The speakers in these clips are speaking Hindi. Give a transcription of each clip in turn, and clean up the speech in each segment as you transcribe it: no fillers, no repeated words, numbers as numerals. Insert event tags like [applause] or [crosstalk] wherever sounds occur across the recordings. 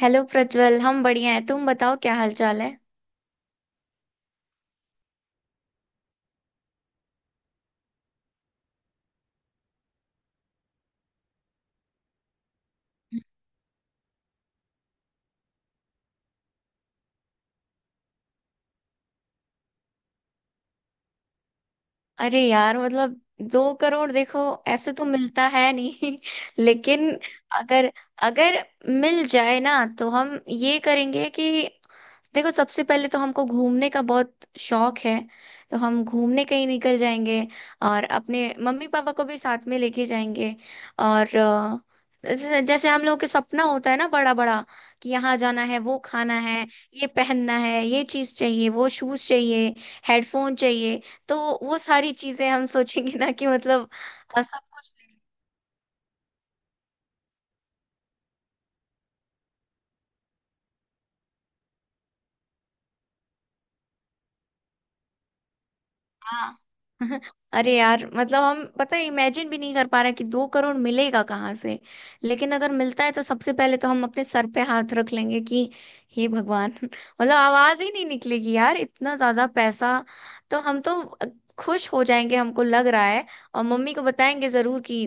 हेलो प्रज्वल। हम बढ़िया हैं। तुम बताओ, क्या हाल चाल है। अरे यार, मतलब दो करोड़ देखो, ऐसे तो मिलता है नहीं। [laughs] लेकिन अगर अगर मिल जाए ना, तो हम ये करेंगे कि देखो, सबसे पहले तो हमको घूमने का बहुत शौक है। तो हम घूमने कहीं निकल जाएंगे। और अपने मम्मी पापा को भी साथ में लेके जाएंगे। और जैसे जैसे हम लोगों के सपना होता है ना बड़ा बड़ा, कि यहाँ जाना है, वो खाना है, ये पहनना है, ये चीज चाहिए, वो शूज चाहिए, हेडफोन चाहिए। तो वो सारी चीजें हम सोचेंगे ना, कि मतलब सब। हाँ। [laughs] अरे यार, मतलब हम पता है इमेजिन भी नहीं कर पा रहे कि दो करोड़ मिलेगा कहाँ से। लेकिन अगर मिलता है, तो सबसे पहले तो हम अपने सर पे हाथ रख लेंगे कि हे भगवान। [laughs] मतलब आवाज ही नहीं निकलेगी यार, इतना ज्यादा पैसा। तो हम तो खुश हो जाएंगे, हमको लग रहा है। और मम्मी को बताएंगे जरूर कि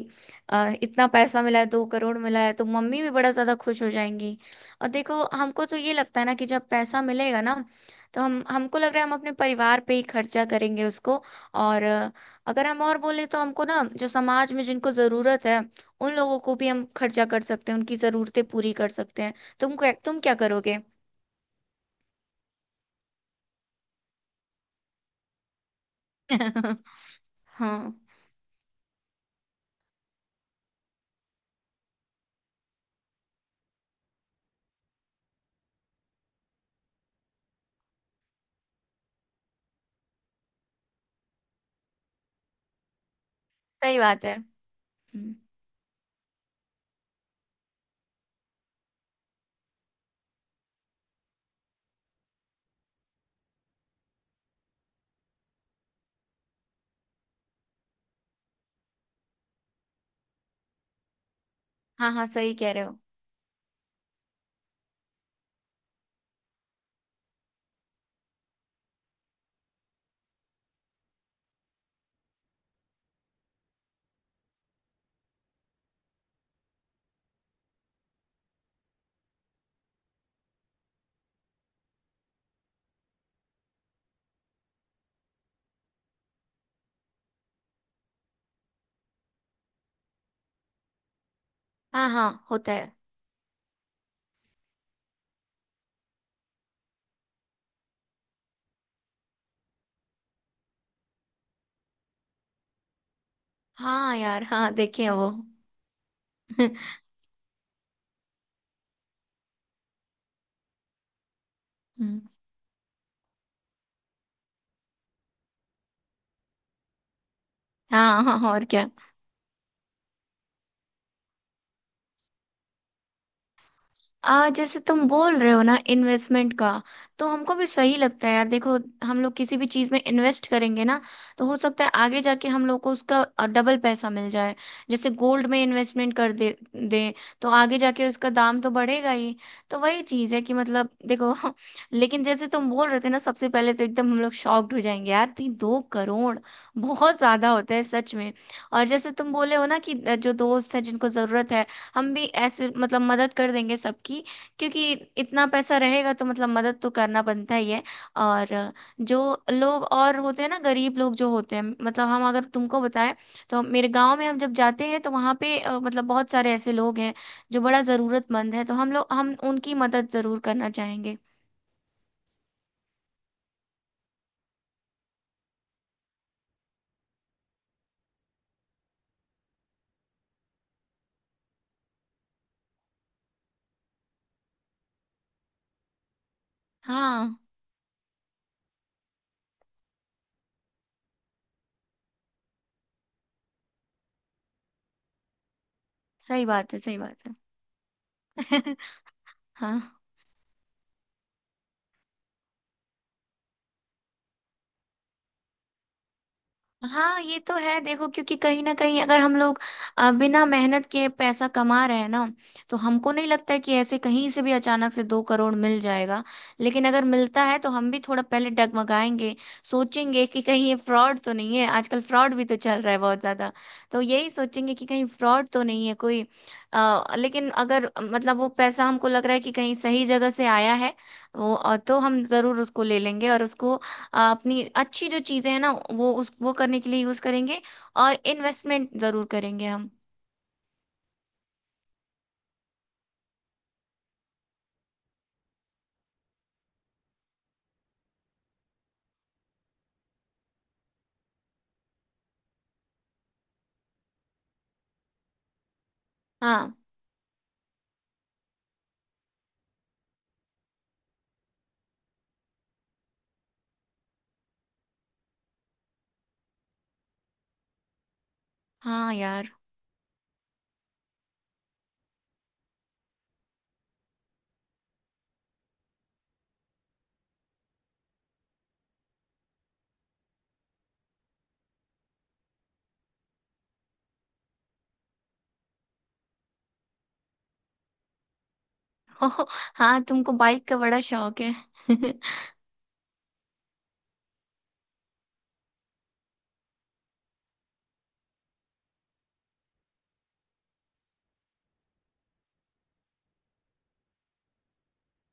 इतना पैसा मिला है, दो करोड़ मिला है, तो मम्मी भी बड़ा ज्यादा खुश हो जाएंगी। और देखो, हमको तो ये लगता है ना कि जब पैसा मिलेगा ना, तो हम हमको लग रहा है हम अपने परिवार पे ही खर्चा करेंगे उसको। और अगर हम और बोले, तो हमको ना, जो समाज में जिनको ज़रूरत है, उन लोगों को भी हम खर्चा कर सकते हैं, उनकी ज़रूरतें पूरी कर सकते हैं। तुम क्या करोगे? [laughs] हाँ, सही बात है। हम्म, हाँ हाँ, सही कह रहे हो। हाँ हाँ, होता है। हाँ यार, हाँ, देखे हैं वो। [laughs] हम्म, हाँ हाँ, और क्या। आ जैसे तुम बोल रहे हो ना, इन्वेस्टमेंट का, तो हमको भी सही लगता है यार, देखो। हम लोग किसी भी चीज में इन्वेस्ट करेंगे ना, तो हो सकता है आगे जाके हम लोग को उसका डबल पैसा मिल जाए। जैसे गोल्ड में इन्वेस्टमेंट कर दे दे, तो आगे जाके उसका दाम तो बढ़ेगा ही। तो वही चीज है कि मतलब देखो। [laughs] लेकिन जैसे तुम बोल रहे थे ना, सबसे पहले तो एकदम हम लोग शॉक्ड हो जाएंगे यार, तीन दो करोड़ बहुत ज्यादा होता है सच में। और जैसे तुम बोले हो ना कि जो दोस्त है जिनको जरूरत है, हम भी ऐसे मतलब मदद कर देंगे सबकी। क्योंकि इतना पैसा रहेगा तो मतलब मदद तो करना बनता ही है। और जो लोग और होते हैं ना, गरीब लोग जो होते हैं, मतलब हम अगर तुमको बताएं, तो मेरे गांव में हम जब जाते हैं तो वहाँ पे मतलब बहुत सारे ऐसे लोग हैं, जो बड़ा जरूरतमंद है। तो हम उनकी मदद जरूर करना चाहेंगे। हाँ, सही बात है, सही बात है। [laughs] हाँ हाँ, ये तो है। देखो, क्योंकि कहीं ना कहीं अगर हम लोग बिना मेहनत के पैसा कमा रहे हैं ना, तो हमको नहीं लगता है कि ऐसे कहीं से भी अचानक से दो करोड़ मिल जाएगा। लेकिन अगर मिलता है, तो हम भी थोड़ा पहले डगमगाएंगे। सोचेंगे कि कहीं ये फ्रॉड तो नहीं है, आजकल फ्रॉड भी तो चल रहा है बहुत ज्यादा। तो यही सोचेंगे कि कहीं फ्रॉड तो नहीं है कोई। लेकिन अगर मतलब वो पैसा हमको लग रहा है कि कहीं सही जगह से आया है वो, तो हम जरूर उसको ले लेंगे, और उसको अपनी अच्छी जो चीजें हैं ना, वो उस वो करने के लिए यूज करेंगे। और इन्वेस्टमेंट जरूर करेंगे हम। हाँ हाँ यार। [laughs] हाँ, तुमको बाइक का बड़ा शौक है। [laughs]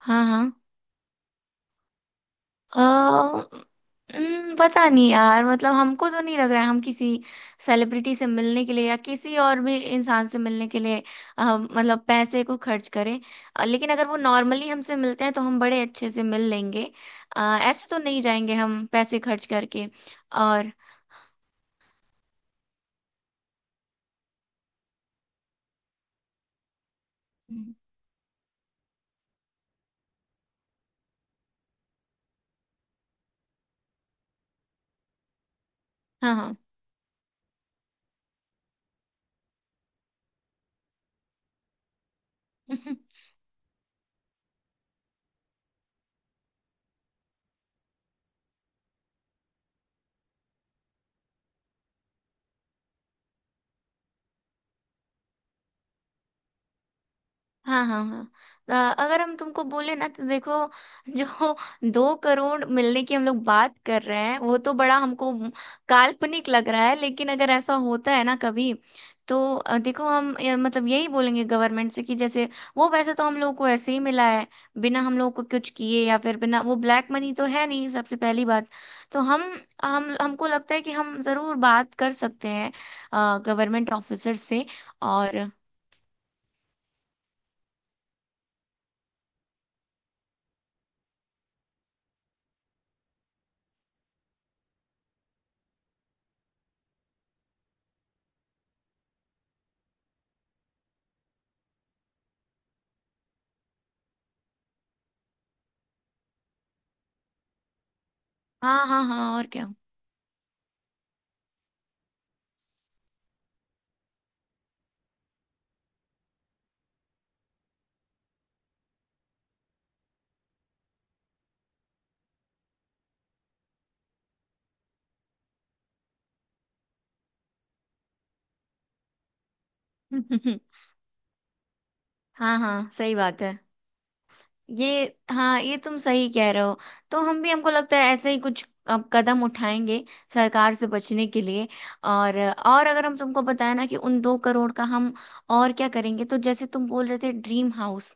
हाँ हाँ। अ, पता नहीं यार, मतलब हमको तो नहीं लग रहा है हम किसी सेलिब्रिटी से मिलने के लिए या किसी और भी इंसान से मिलने के लिए मतलब पैसे को खर्च करें। लेकिन अगर वो नॉर्मली हमसे मिलते हैं तो हम बड़े अच्छे से मिल लेंगे। ऐसे तो नहीं जाएंगे हम पैसे खर्च करके। और हम्म, हाँ हाँ। [laughs] हाँ हाँ हाँ। अ, अगर हम तुमको बोले ना तो देखो, जो दो करोड़ मिलने की हम लोग बात कर रहे हैं, वो तो बड़ा हमको काल्पनिक लग रहा है। लेकिन अगर ऐसा होता है ना कभी, तो देखो, हम मतलब यही बोलेंगे गवर्नमेंट से कि, जैसे वो वैसे तो हम लोगों को ऐसे ही मिला है, बिना हम लोगों को कुछ किए, या फिर बिना वो, ब्लैक मनी तो है नहीं सबसे पहली बात। तो हम हमको लगता है कि हम जरूर बात कर सकते हैं गवर्नमेंट ऑफिसर से। और हाँ हाँ हाँ, और क्या। [laughs] हाँ हाँ, सही बात है। ये हाँ, ये तुम सही कह रहे हो। तो हम भी हमको लगता है ऐसे ही कुछ अब कदम उठाएंगे सरकार से बचने के लिए। और अगर हम तुमको बताए ना कि उन दो करोड़ का हम और क्या करेंगे, तो जैसे तुम बोल रहे थे ड्रीम हाउस,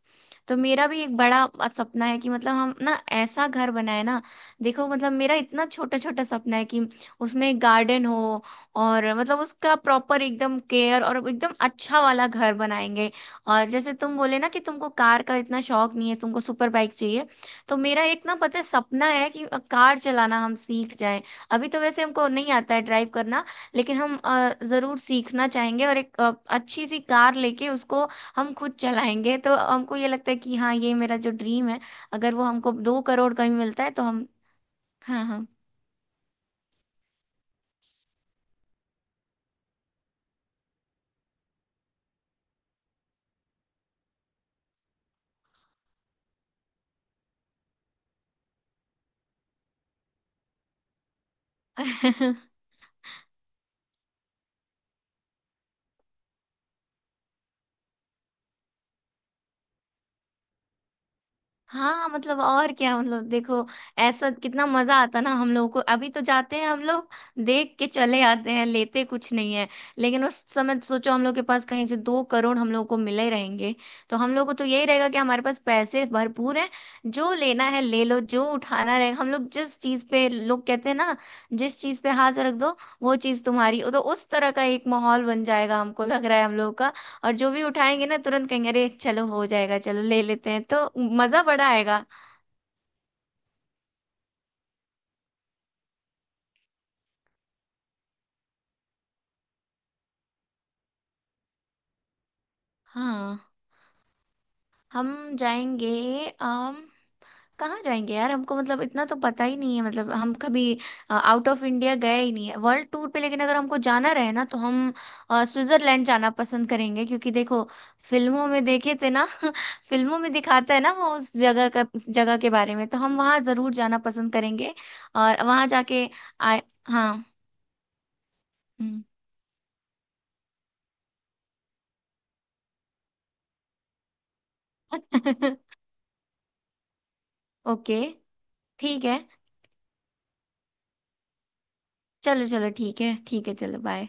तो मेरा भी एक बड़ा सपना है कि मतलब हम ना ऐसा घर बनाए ना। देखो, मतलब मेरा इतना छोटा छोटा सपना है कि उसमें गार्डन हो, और मतलब उसका प्रॉपर एकदम केयर, और एकदम अच्छा वाला घर बनाएंगे। और जैसे तुम बोले ना कि तुमको कार का इतना शौक नहीं है, तुमको सुपर बाइक चाहिए, तो मेरा एक ना, पता है, सपना है कि कार चलाना हम सीख जाएं। अभी तो वैसे हमको नहीं आता है ड्राइव करना। लेकिन हम जरूर सीखना चाहेंगे, और एक अच्छी सी कार लेके उसको हम खुद चलाएंगे। तो हमको ये लगता है कि हाँ, ये मेरा जो ड्रीम है, अगर वो हमको दो करोड़ का भी मिलता है तो हम। हाँ हाँ। [laughs] हाँ, मतलब और क्या, मतलब देखो, ऐसा कितना मजा आता ना हम लोगों को। अभी तो जाते हैं हम लोग, देख के चले आते हैं, लेते कुछ नहीं है। लेकिन उस समय सोचो, हम लोग के पास कहीं से दो करोड़ हम लोग को मिले रहेंगे, तो हम लोग को तो यही रहेगा कि हमारे पास पैसे भरपूर हैं, जो लेना है ले लो। जो उठाना रहेगा हम लोग, जिस चीज पे लोग कहते हैं ना, जिस चीज पे हाथ रख दो वो चीज तुम्हारी, तो उस तरह का एक माहौल बन जाएगा, हमको लग रहा है हम लोग का। और जो भी उठाएंगे ना तुरंत कहेंगे, अरे चलो हो जाएगा, चलो ले लेते हैं, तो मजा बड़ा आएगा। हाँ, हम जाएंगे। अम कहाँ जाएंगे यार, हमको मतलब इतना तो पता ही नहीं है, मतलब हम कभी आउट ऑफ इंडिया गए ही नहीं है वर्ल्ड टूर पे। लेकिन अगर हमको जाना रहे ना, तो हम स्विट्जरलैंड जाना पसंद करेंगे, क्योंकि देखो, फिल्मों में देखे थे ना। [laughs] फिल्मों में दिखाता है ना वो उस जगह के बारे में, तो हम वहाँ जरूर जाना पसंद करेंगे। और वहाँ जाके आए। हाँ, हम्म। [laughs] ओके, ठीक है। चलो चलो, ठीक है ठीक है, चलो बाय।